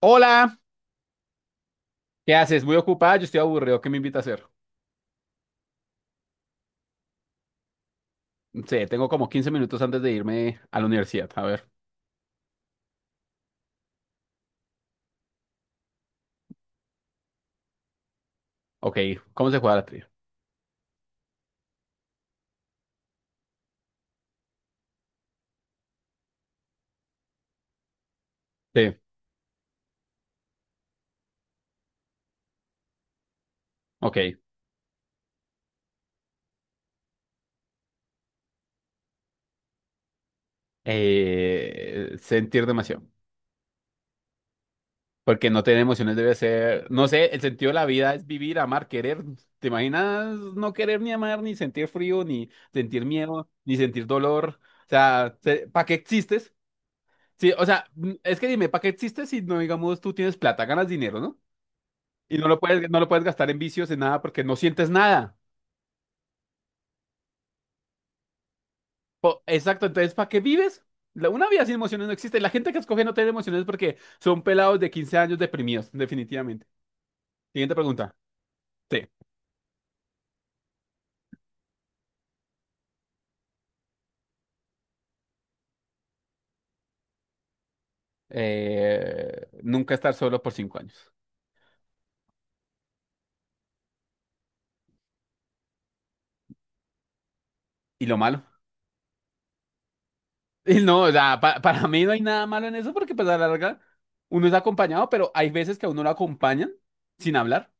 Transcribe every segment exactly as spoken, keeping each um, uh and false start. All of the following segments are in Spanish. Hola, ¿qué haces? Muy ocupada, yo estoy aburrido, ¿qué me invita a hacer? Sí, tengo como quince minutos antes de irme a la universidad. A ver, ok, ¿cómo se juega la trivia? Sí, ok. Eh, sentir demasiado, porque no tener emociones debe ser, no sé, el sentido de la vida es vivir, amar, querer. ¿Te imaginas no querer ni amar, ni sentir frío, ni sentir miedo, ni sentir dolor? O sea, ¿para qué existes? Sí, o sea, es que dime, ¿para qué existes si no, digamos, tú tienes plata, ganas dinero, ¿no? Y no lo puedes, no lo puedes gastar en vicios, en nada, porque no sientes nada. Po- Exacto, entonces, ¿para qué vives? La- Una vida sin emociones no existe. La gente que escoge no tener emociones es porque son pelados de quince años deprimidos, definitivamente. Siguiente pregunta. Sí. Eh, nunca estar solo por cinco años. ¿Y lo malo? Y no, o sea, pa- para mí no hay nada malo en eso porque pues a la larga uno es acompañado, pero hay veces que a uno lo acompañan sin hablar.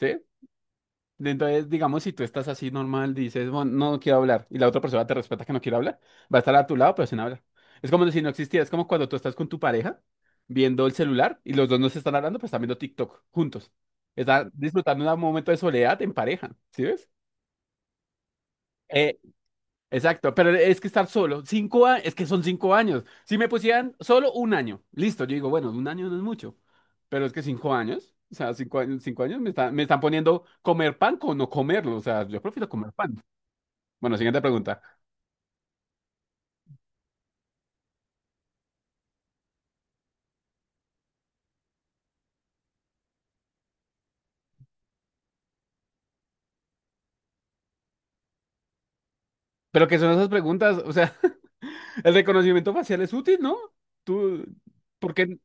¿Sí? Entonces, digamos, si tú estás así normal, dices, bueno, no no quiero hablar, y la otra persona te respeta que no quiere hablar, va a estar a tu lado, pero sin hablar. Es como si no existiera, es como cuando tú estás con tu pareja viendo el celular y los dos no se están hablando, pero están viendo TikTok juntos. Están disfrutando un momento de soledad en pareja, ¿sí ves? Eh, Exacto, pero es que estar solo, cinco años, es que son cinco años. Si me pusieran solo un año, listo, yo digo, bueno, un año no es mucho, pero es que cinco años, o sea, cinco años, cinco años me están, me están poniendo comer pan con no comerlo, o sea, yo prefiero comer pan. Bueno, siguiente pregunta. Pero ¿qué son esas preguntas? O sea, el reconocimiento facial es útil, ¿no? Tú, porque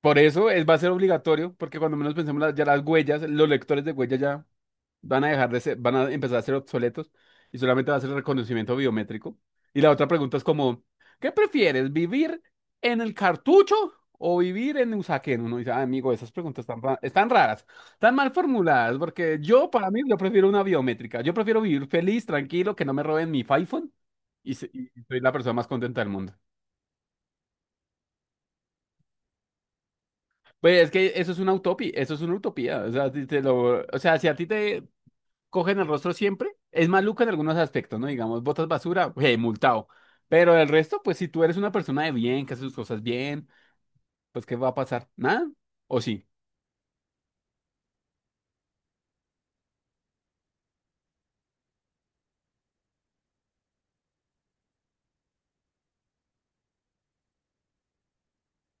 por eso es, va a ser obligatorio, porque cuando menos pensemos las- ya las huellas, los lectores de huellas ya. van a dejar de ser, van a empezar a ser obsoletos y solamente va a ser reconocimiento biométrico. Y la otra pregunta es como, ¿qué prefieres, vivir en el cartucho o vivir en Usaquén? Uno dice, "Ah, amigo, esas preguntas están, ra- están raras, están mal formuladas, porque yo, para mí, yo prefiero una biométrica. Yo prefiero vivir feliz, tranquilo, que no me roben mi iPhone y, se- y soy la persona más contenta del mundo. Pues es que eso es una utopía, eso es una utopía. O sea, si te lo, o sea, si a ti te cogen el rostro siempre. Es maluco en algunos aspectos, ¿no? Digamos, botas basura, hey, multado. Pero el resto, pues si tú eres una persona de bien, que hace sus cosas bien, pues ¿qué va a pasar? ¿Nada? ¿O sí?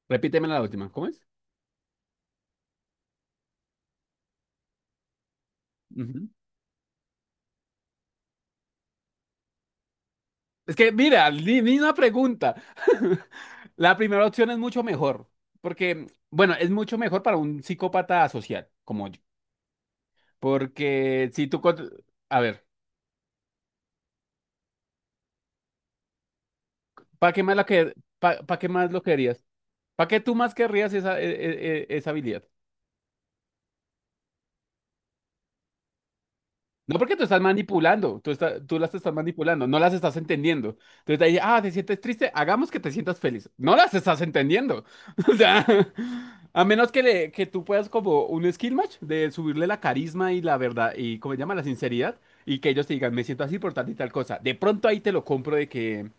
Repíteme la última, ¿cómo es? Ujú. Es que, mira, ni, ni una pregunta. La primera opción es mucho mejor, porque, bueno, es mucho mejor para un psicópata social como yo. Porque si tú... con- A ver, ¿para qué más, la que, pa, pa' qué más lo querías? ¿Para qué tú más querrías esa, e- e- e- esa habilidad? No porque tú estás manipulando, tú, está- tú las estás manipulando, no las estás entendiendo. Entonces ahí, ah, te sientes triste, hagamos que te sientas feliz. No las estás entendiendo. O sea, a menos que, le, que tú puedas como un skill match de subirle la carisma y la verdad, y como se llama, la sinceridad, y que ellos te digan, me siento así por tal y tal cosa. De pronto ahí te lo compro de que,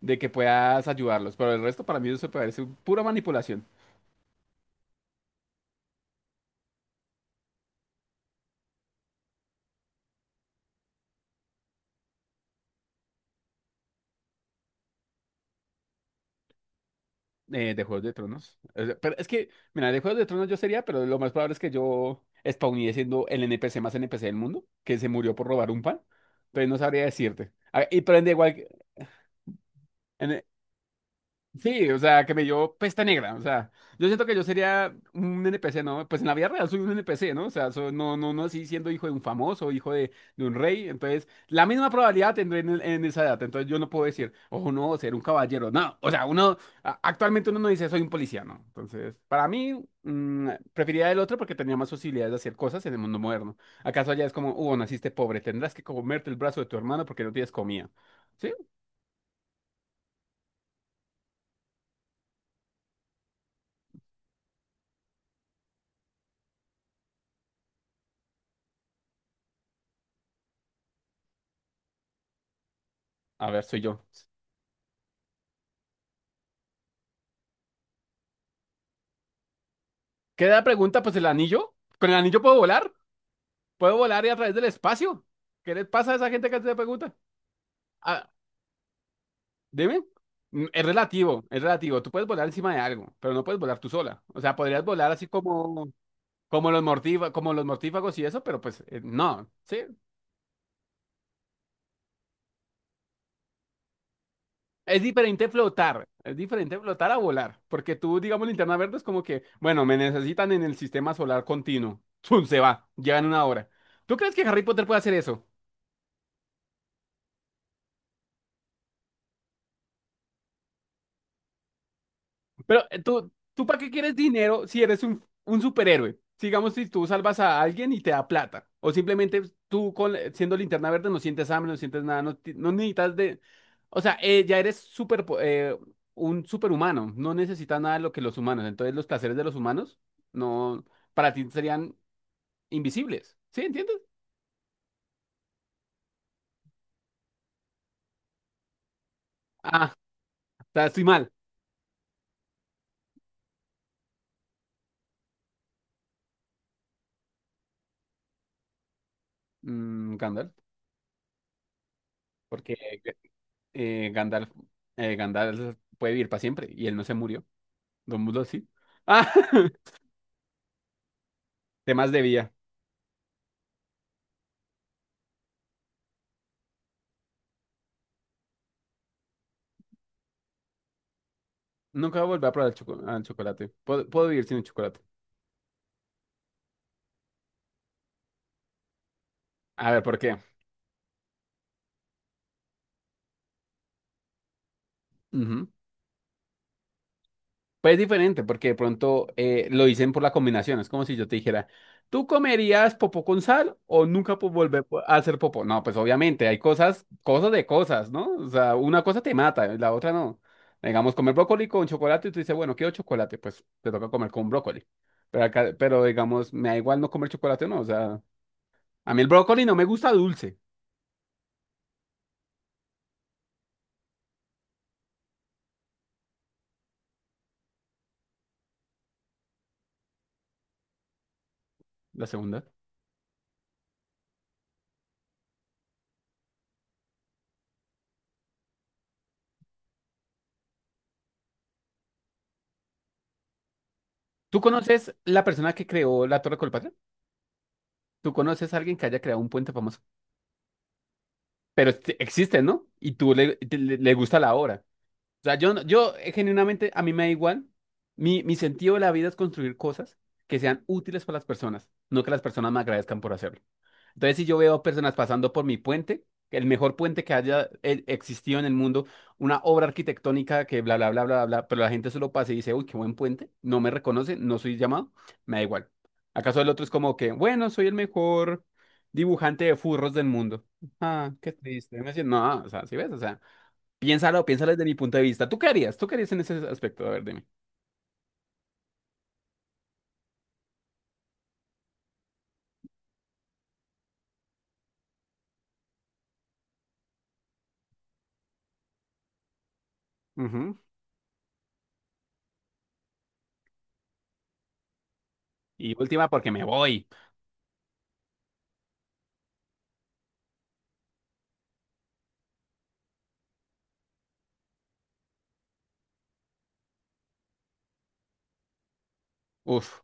de que puedas ayudarlos, pero el resto para mí eso me parece pura manipulación. eh, de Juegos de Tronos. O sea, pero es que, mira, de Juegos de Tronos yo sería, pero lo más probable es que yo spawné siendo el N P C más N P C del mundo, que se murió por robar un pan, pero no sabría decirte. Ah, y prende igual. Sí, o sea, que me dio pesta negra, o sea, yo siento que yo sería un N P C, ¿no? Pues en la vida real soy un N P C, ¿no? O sea, so- no, no, no así siendo hijo de un famoso, hijo de, de un rey, entonces la misma probabilidad tendré en, el- en esa edad, entonces yo no puedo decir, oh no, ser un caballero, no, o sea, uno, a- actualmente uno no dice soy un policía, ¿no? Entonces, para mí, mm, preferiría el otro porque tenía más posibilidades de hacer cosas en el mundo moderno. ¿Acaso allá es como, uh, naciste pobre, tendrás que comerte el brazo de tu hermano porque no tienes comida? ¿Sí? A ver, soy yo. Queda la pregunta, pues el anillo. ¿Con el anillo puedo volar? ¿Puedo volar y a través del espacio? ¿Qué les pasa a esa gente que hace esa pregunta? Ah, dime. Mm, Es relativo, es relativo. Tú puedes volar encima de algo, pero no puedes volar tú sola. O sea, podrías volar así como, como los mortífagos, como los mortífagos y eso, pero pues eh, no, ¿sí? Es diferente flotar, es diferente flotar a volar, porque tú, digamos, linterna verde es como que, bueno, me necesitan en el sistema solar continuo. ¡Zum! Se va, llegan una hora. ¿Tú crees que Harry Potter puede hacer eso? Pero eh, tú, ¿tú para qué quieres dinero si eres un, un superhéroe? Digamos, si tú salvas a alguien y te da plata. O simplemente tú con, siendo linterna verde no sientes hambre, no sientes nada, no, ti- no necesitas de... O sea, eh, ya eres super, eh, un superhumano, no necesitas nada de lo que los humanos. Entonces los placeres de los humanos no, para ti serían invisibles. ¿Sí? ¿Entiendes? Ah, o sea, estoy mal. Mm, Gandalf, porque eh, Gandalf, eh, Gandalf puede vivir para siempre y él no se murió. Don Bulo, sí. Ah, temas de vida. Nunca voy a volver a probar el, choco- ah, el chocolate. Puedo, puedo vivir sin el chocolate. A ver, ¿por qué? Ujú. Pues es diferente, porque de pronto eh, lo dicen por la combinación. Es como si yo te dijera, ¿tú comerías popó con sal o nunca po- volver po- a hacer popó? No, pues obviamente hay cosas, cosas de cosas, ¿no? O sea, una cosa te mata, la otra no. Digamos, comer brócoli con chocolate y tú dices, bueno, quiero chocolate, pues te toca comer con brócoli. Pero acá, pero digamos, me da igual no comer chocolate o no. O sea, a mí el brócoli no me gusta dulce. La segunda. ¿Tú conoces la persona que creó la Torre Colpatria? ¿Tú conoces a alguien que haya creado un puente famoso? Pero este- existe, ¿no? Y tú le, te- le, le gusta la obra. O sea, yo, no- yo eh, genuinamente, a mí me da igual. Mi, mi sentido de la vida es construir cosas que sean útiles para las personas, no que las personas me agradezcan por hacerlo. Entonces, si yo veo personas pasando por mi puente, el mejor puente que haya eh, existido en el mundo, una obra arquitectónica que bla, bla, bla, bla, bla, pero la gente solo pasa y dice, uy, qué buen puente, no me reconoce, no soy llamado, me da igual. ¿Acaso el otro es como que, bueno, soy el mejor dibujante de furros del mundo? Ah, qué triste. Me dice, no, o sea, si ves, o sea, piénsalo, piénsalo desde mi punto de vista. ¿Tú qué harías? ¿Tú qué harías en ese aspecto? A ver, dime. Ujú. Y última, porque me voy. Uf.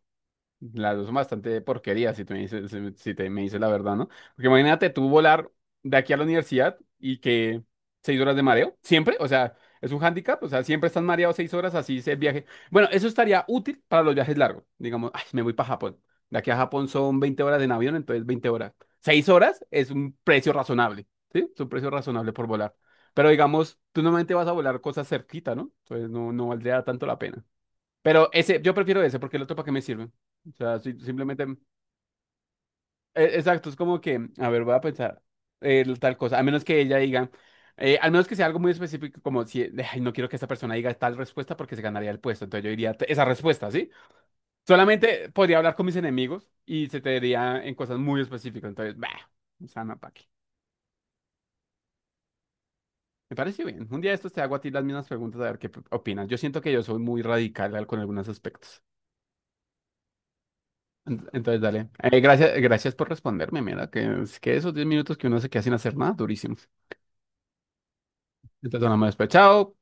Las dos son bastante porquerías, si te me dices, si si te me dices la verdad, ¿no? Porque imagínate tú volar de aquí a la universidad y que seis horas de mareo, siempre, o sea, es un hándicap, o sea, siempre estás mareado seis horas, así es el viaje. Bueno, eso estaría útil para los viajes largos. Digamos, ay, me voy para Japón. De aquí a Japón son veinte horas en avión, entonces veinte horas. Seis horas es un precio razonable, ¿sí? Es un precio razonable por volar. Pero digamos, tú normalmente vas a volar cosas cerquita, ¿no? Entonces no, no valdría tanto la pena. Pero ese, yo prefiero ese porque el otro para qué me sirve. O sea, si- simplemente, e- exacto, es como que, a ver, voy a pensar eh, tal cosa, a menos que ella diga, eh, al menos que sea algo muy específico, como si, ay, no quiero que esta persona diga tal respuesta porque se ganaría el puesto, entonces yo diría t- esa respuesta, ¿sí? Solamente podría hablar con mis enemigos y se te diría en cosas muy específicas, entonces, bah, o sea, no, para qué. Me parece bien. Un día de estos te hago a ti las mismas preguntas a ver qué p- opinas. Yo siento que yo soy muy radical al- con algunos aspectos. Ent- Entonces, dale. Eh, gracias, gracias por responderme, mira, que es que esos diez minutos que uno se queda sin hacer nada, durísimo. Entonces, hablamos después. Chao.